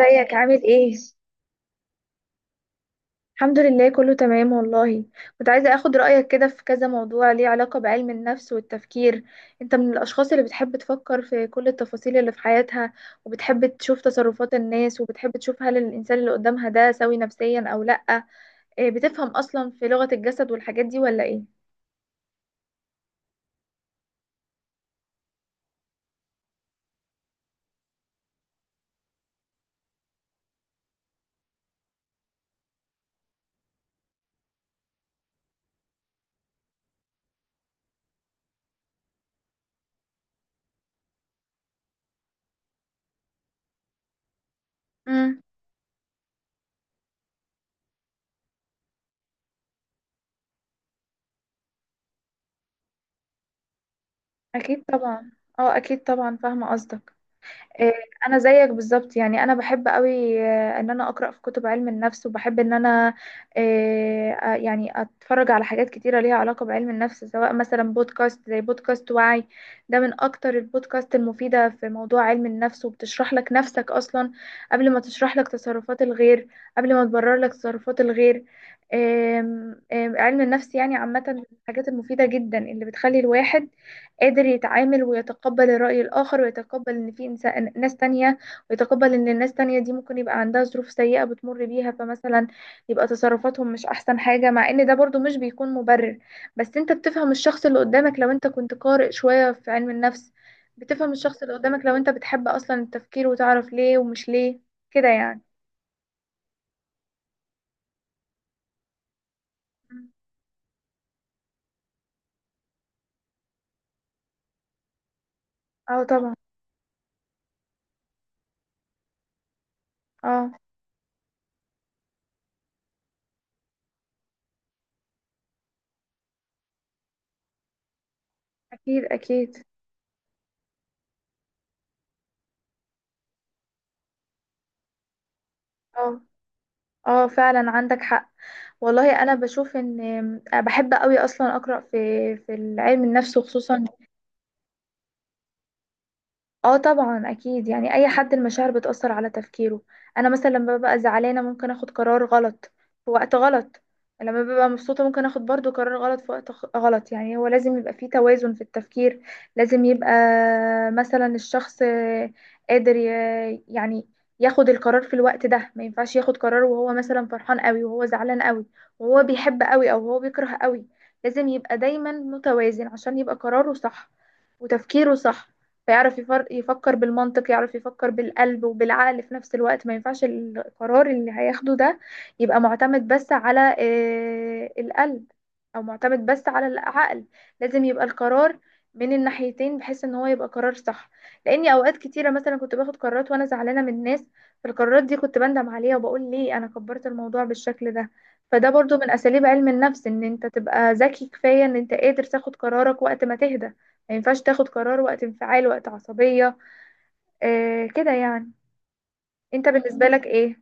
ازيك؟ عامل ايه؟ الحمد لله، كله تمام والله. كنت عايزة اخد رأيك كده في كذا موضوع ليه علاقة بعلم النفس والتفكير. انت من الاشخاص اللي بتحب تفكر في كل التفاصيل اللي في حياتها، وبتحب تشوف تصرفات الناس، وبتحب تشوف هل الانسان اللي قدامها ده سوي نفسيا او لأ. إيه، بتفهم اصلا في لغة الجسد والحاجات دي ولا ايه؟ امم، اكيد طبعا. اه، اكيد طبعا، فاهمة قصدك. إيه، انا زيك بالظبط، يعني انا بحب قوي ان انا اقرا في كتب علم النفس، وبحب ان انا يعني اتفرج على حاجات كتيره ليها علاقه بعلم النفس، سواء مثلا بودكاست زي بودكاست وعي. ده من اكتر البودكاست المفيده في موضوع علم النفس، وبتشرح لك نفسك اصلا قبل ما تشرح لك تصرفات الغير، قبل ما تبرر لك تصرفات الغير. آم، آم، علم النفس يعني عامه من الحاجات المفيده جدا اللي بتخلي الواحد قادر يتعامل ويتقبل الرأي الآخر، ويتقبل إن في إنسان ناس تانية، ويتقبل إن الناس تانية دي ممكن يبقى عندها ظروف سيئة بتمر بيها. فمثلا يبقى تصرفاتهم مش أحسن حاجة، مع إن ده برضو مش بيكون مبرر. بس أنت بتفهم الشخص اللي قدامك لو أنت كنت قارئ شوية في علم النفس. بتفهم الشخص اللي قدامك لو أنت بتحب أصلا التفكير وتعرف ليه ومش ليه، كده يعني. اه، طبعا. اه، أكيد أكيد. اه، اه، فعلا عندك حق. والله انا بشوف ان بحب قوي اصلا اقرا في علم النفس، وخصوصا. اه، طبعا اكيد، يعني اي حد المشاعر بتأثر على تفكيره. انا مثلا لما ببقى زعلانة ممكن اخد قرار غلط في وقت غلط. لما ببقى مبسوطة ممكن اخد برضو قرار غلط في وقت غلط، يعني هو لازم يبقى فيه توازن في التفكير. لازم يبقى مثلا الشخص قادر يعني ياخد القرار في الوقت ده. ما ينفعش ياخد قرار وهو مثلا فرحان قوي، وهو زعلان قوي، وهو بيحب قوي، او هو بيكره قوي. لازم يبقى دايما متوازن عشان يبقى قراره صح وتفكيره صح. فيعرف يفكر بالمنطق، يعرف يفكر بالقلب وبالعقل في نفس الوقت. ما ينفعش القرار اللي هياخده ده يبقى معتمد بس على القلب، او معتمد بس على العقل. لازم يبقى القرار من الناحيتين بحيث ان هو يبقى قرار صح. لاني اوقات كتيره مثلا كنت باخد قرارات وانا زعلانه من الناس، فالقرارات دي كنت بندم عليها وبقول ليه انا كبرت الموضوع بالشكل ده. فده برضو من اساليب علم النفس، ان انت تبقى ذكي كفايه ان انت قادر تاخد قرارك وقت ما تهدى. ما ينفعش تاخد قرار وقت انفعال، وقت عصبية. كده يعني. انت بالنسبة لك ايه؟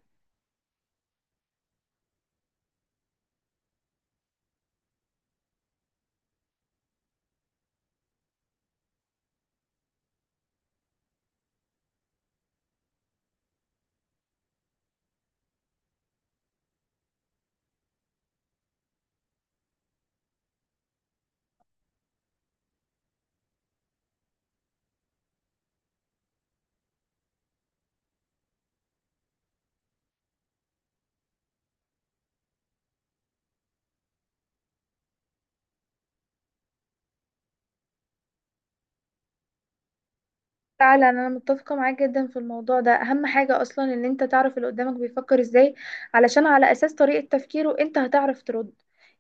فعلا انا متفقه معاك جدا في الموضوع ده. اهم حاجه اصلا ان انت تعرف اللي قدامك بيفكر ازاي، علشان على اساس طريقه تفكيره انت هتعرف ترد.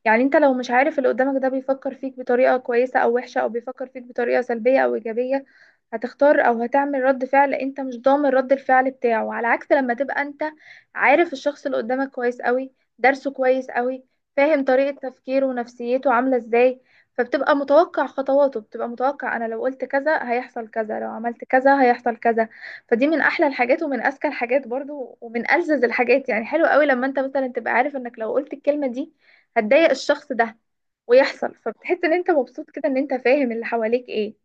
يعني انت لو مش عارف اللي قدامك ده بيفكر فيك بطريقه كويسه او وحشه، او بيفكر فيك بطريقه سلبيه او ايجابيه، هتختار او هتعمل رد فعل انت مش ضامن رد الفعل بتاعه. على عكس لما تبقى انت عارف الشخص اللي قدامك كويس قوي، درسه كويس قوي، فاهم طريقه تفكيره ونفسيته عامله ازاي. فبتبقى متوقع خطواته، بتبقى متوقع انا لو قلت كذا هيحصل كذا، لو عملت كذا هيحصل كذا. فدي من احلى الحاجات ومن اذكى الحاجات برضو ومن ألذذ الحاجات، يعني حلو قوي لما انت مثلا تبقى عارف انك لو قلت الكلمة دي هتضايق الشخص ده ويحصل. فبتحس ان انت مبسوط كده ان انت فاهم اللي حواليك ايه.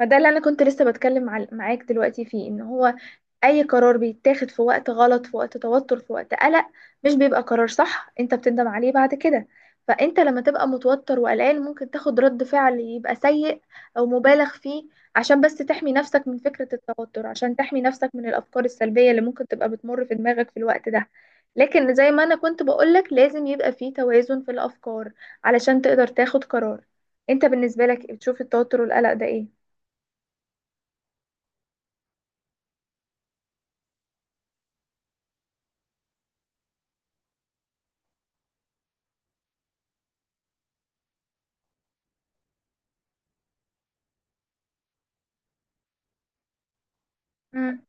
ما ده اللي انا كنت لسه بتكلم معاك دلوقتي فيه، ان هو اي قرار بيتاخد في وقت غلط، في وقت توتر، في وقت قلق، مش بيبقى قرار صح، انت بتندم عليه بعد كده. فانت لما تبقى متوتر وقلقان ممكن تاخد رد فعل يبقى سيء او مبالغ فيه، عشان بس تحمي نفسك من فكرة التوتر، عشان تحمي نفسك من الافكار السلبية اللي ممكن تبقى بتمر في دماغك في الوقت ده. لكن زي ما انا كنت بقولك، لازم يبقى فيه توازن في الافكار علشان تقدر تاخد قرار. انت بالنسبة لك بتشوف التوتر والقلق ده ايه؟ مم.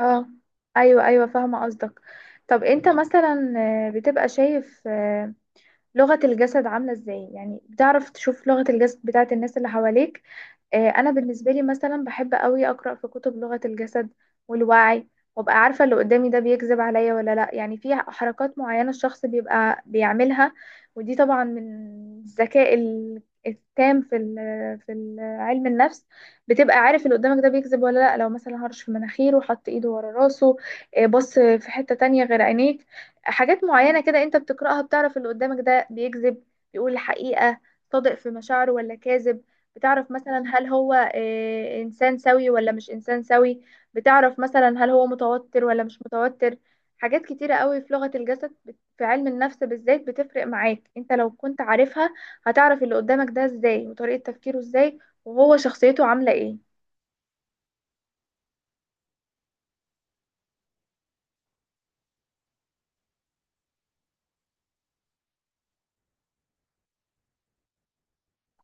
اه، ايوه، ايوه، فاهمه قصدك. طب انت مثلا بتبقى شايف لغه الجسد عامله ازاي؟ يعني بتعرف تشوف لغه الجسد بتاعت الناس اللي حواليك؟ انا بالنسبه لي مثلا بحب قوي اقرا في كتب لغه الجسد والوعي، وابقى عارفه اللي قدامي ده بيكذب عليا ولا لا. يعني في حركات معينه الشخص بيبقى بيعملها، ودي طبعا من الذكاء التام في علم النفس. بتبقى عارف اللي قدامك ده بيكذب ولا لا، لو مثلا هرش في مناخيره، حط ايده ورا راسه، بص في حته تانية غير عينيك. حاجات معينه كده انت بتقراها بتعرف اللي قدامك ده بيكذب، بيقول الحقيقه، صادق في مشاعره ولا كاذب. بتعرف مثلا هل هو إنسان سوي ولا مش إنسان سوي. بتعرف مثلا هل هو متوتر ولا مش متوتر. حاجات كتيرة قوي في لغة الجسد في علم النفس بالذات بتفرق معاك انت لو كنت عارفها. هتعرف اللي قدامك ده ازاي وطريقة تفكيره ازاي، وهو شخصيته عاملة ايه.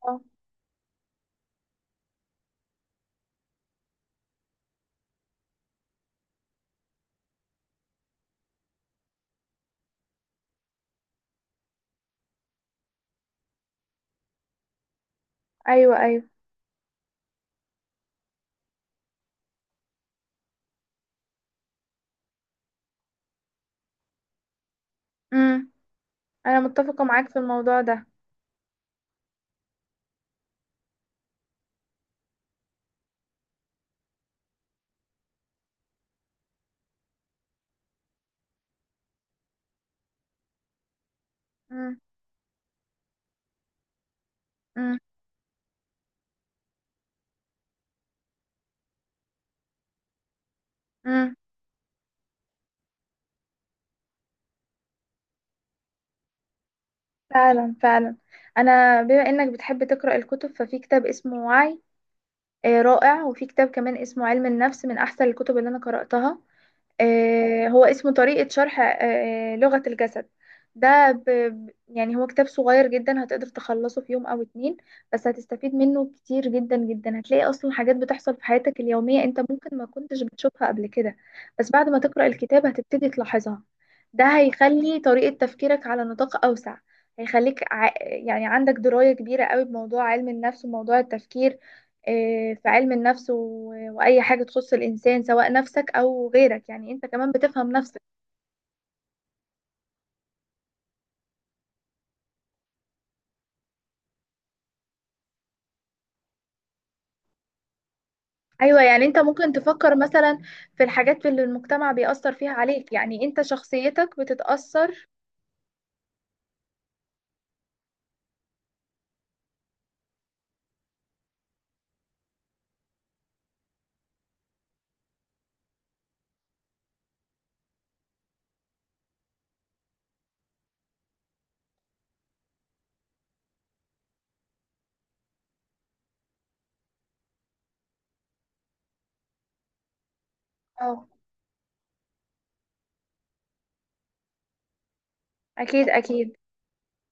اه، ايوه، ايوه، امم. انا متفقة معاك في الموضوع ده. امم، امم، امم، فعلا، فعلا. انا بما انك بتحب تقرأ الكتب، ففي كتاب اسمه وعي رائع. وفي كتاب كمان اسمه علم النفس من أحسن الكتب اللي أنا قرأتها. هو اسمه طريقة شرح لغة الجسد. ده يعني هو كتاب صغير جدا هتقدر تخلصه في يوم أو اتنين. بس هتستفيد منه كتير جدا جدا. هتلاقي أصلا حاجات بتحصل في حياتك اليومية أنت ممكن ما كنتش بتشوفها قبل كده، بس بعد ما تقرأ الكتاب هتبتدي تلاحظها. ده هيخلي طريقة تفكيرك على نطاق أوسع، هيخليك يعني عندك دراية كبيرة قوي بموضوع علم النفس وموضوع التفكير. في علم النفس وأي حاجة تخص الإنسان سواء نفسك أو غيرك، يعني أنت كمان بتفهم نفسك. أيوة، يعني أنت ممكن تفكر مثلا في الحاجات اللي المجتمع بيأثر فيها عليك، يعني أنت شخصيتك بتتأثر. اه، أكيد أكيد،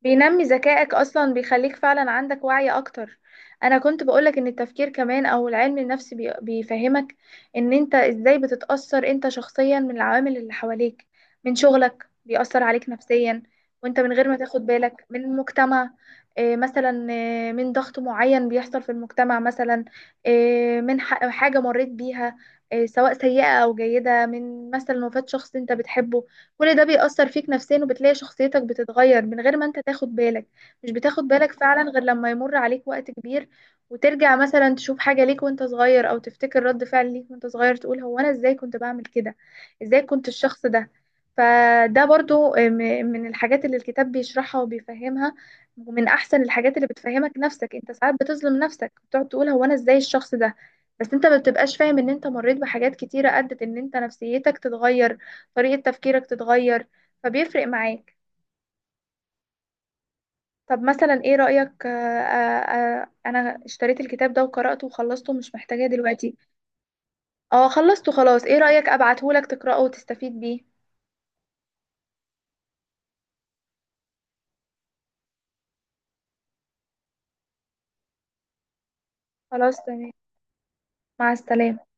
بينمي ذكائك اصلا، بيخليك فعلا عندك وعي اكتر. انا كنت بقولك ان التفكير كمان او العلم النفسي بيفهمك ان انت ازاي بتتأثر انت شخصيا من العوامل اللي حواليك، من شغلك بيأثر عليك نفسيا وانت من غير ما تاخد بالك، من المجتمع، مثلا من ضغط معين بيحصل في المجتمع، مثلا من حاجة مريت بيها، سواء سيئة او جيدة، من مثلا وفاة شخص انت بتحبه. كل ده بيأثر فيك نفسيا، وبتلاقي شخصيتك بتتغير من غير ما انت تاخد بالك. مش بتاخد بالك فعلا غير لما يمر عليك وقت كبير، وترجع مثلا تشوف حاجة ليك وانت صغير، او تفتكر رد فعل ليك وانت صغير، تقول هو انا ازاي كنت بعمل كده، ازاي كنت الشخص ده. فده برضو من الحاجات اللي الكتاب بيشرحها وبيفهمها. ومن احسن الحاجات اللي بتفهمك نفسك، انت ساعات بتظلم نفسك بتقعد تقول هو انا ازاي الشخص ده، بس انت ما بتبقاش فاهم ان انت مريت بحاجات كتيرة ادت ان انت نفسيتك تتغير، طريقة تفكيرك تتغير، فبيفرق معاك. طب مثلا ايه رأيك، انا اشتريت الكتاب ده وقرأته وخلصته مش محتاجاه دلوقتي. اه، خلصته خلاص، ايه رأيك ابعتهولك تقرأه وتستفيد بيه؟ خلاص تمام. مع السلامة.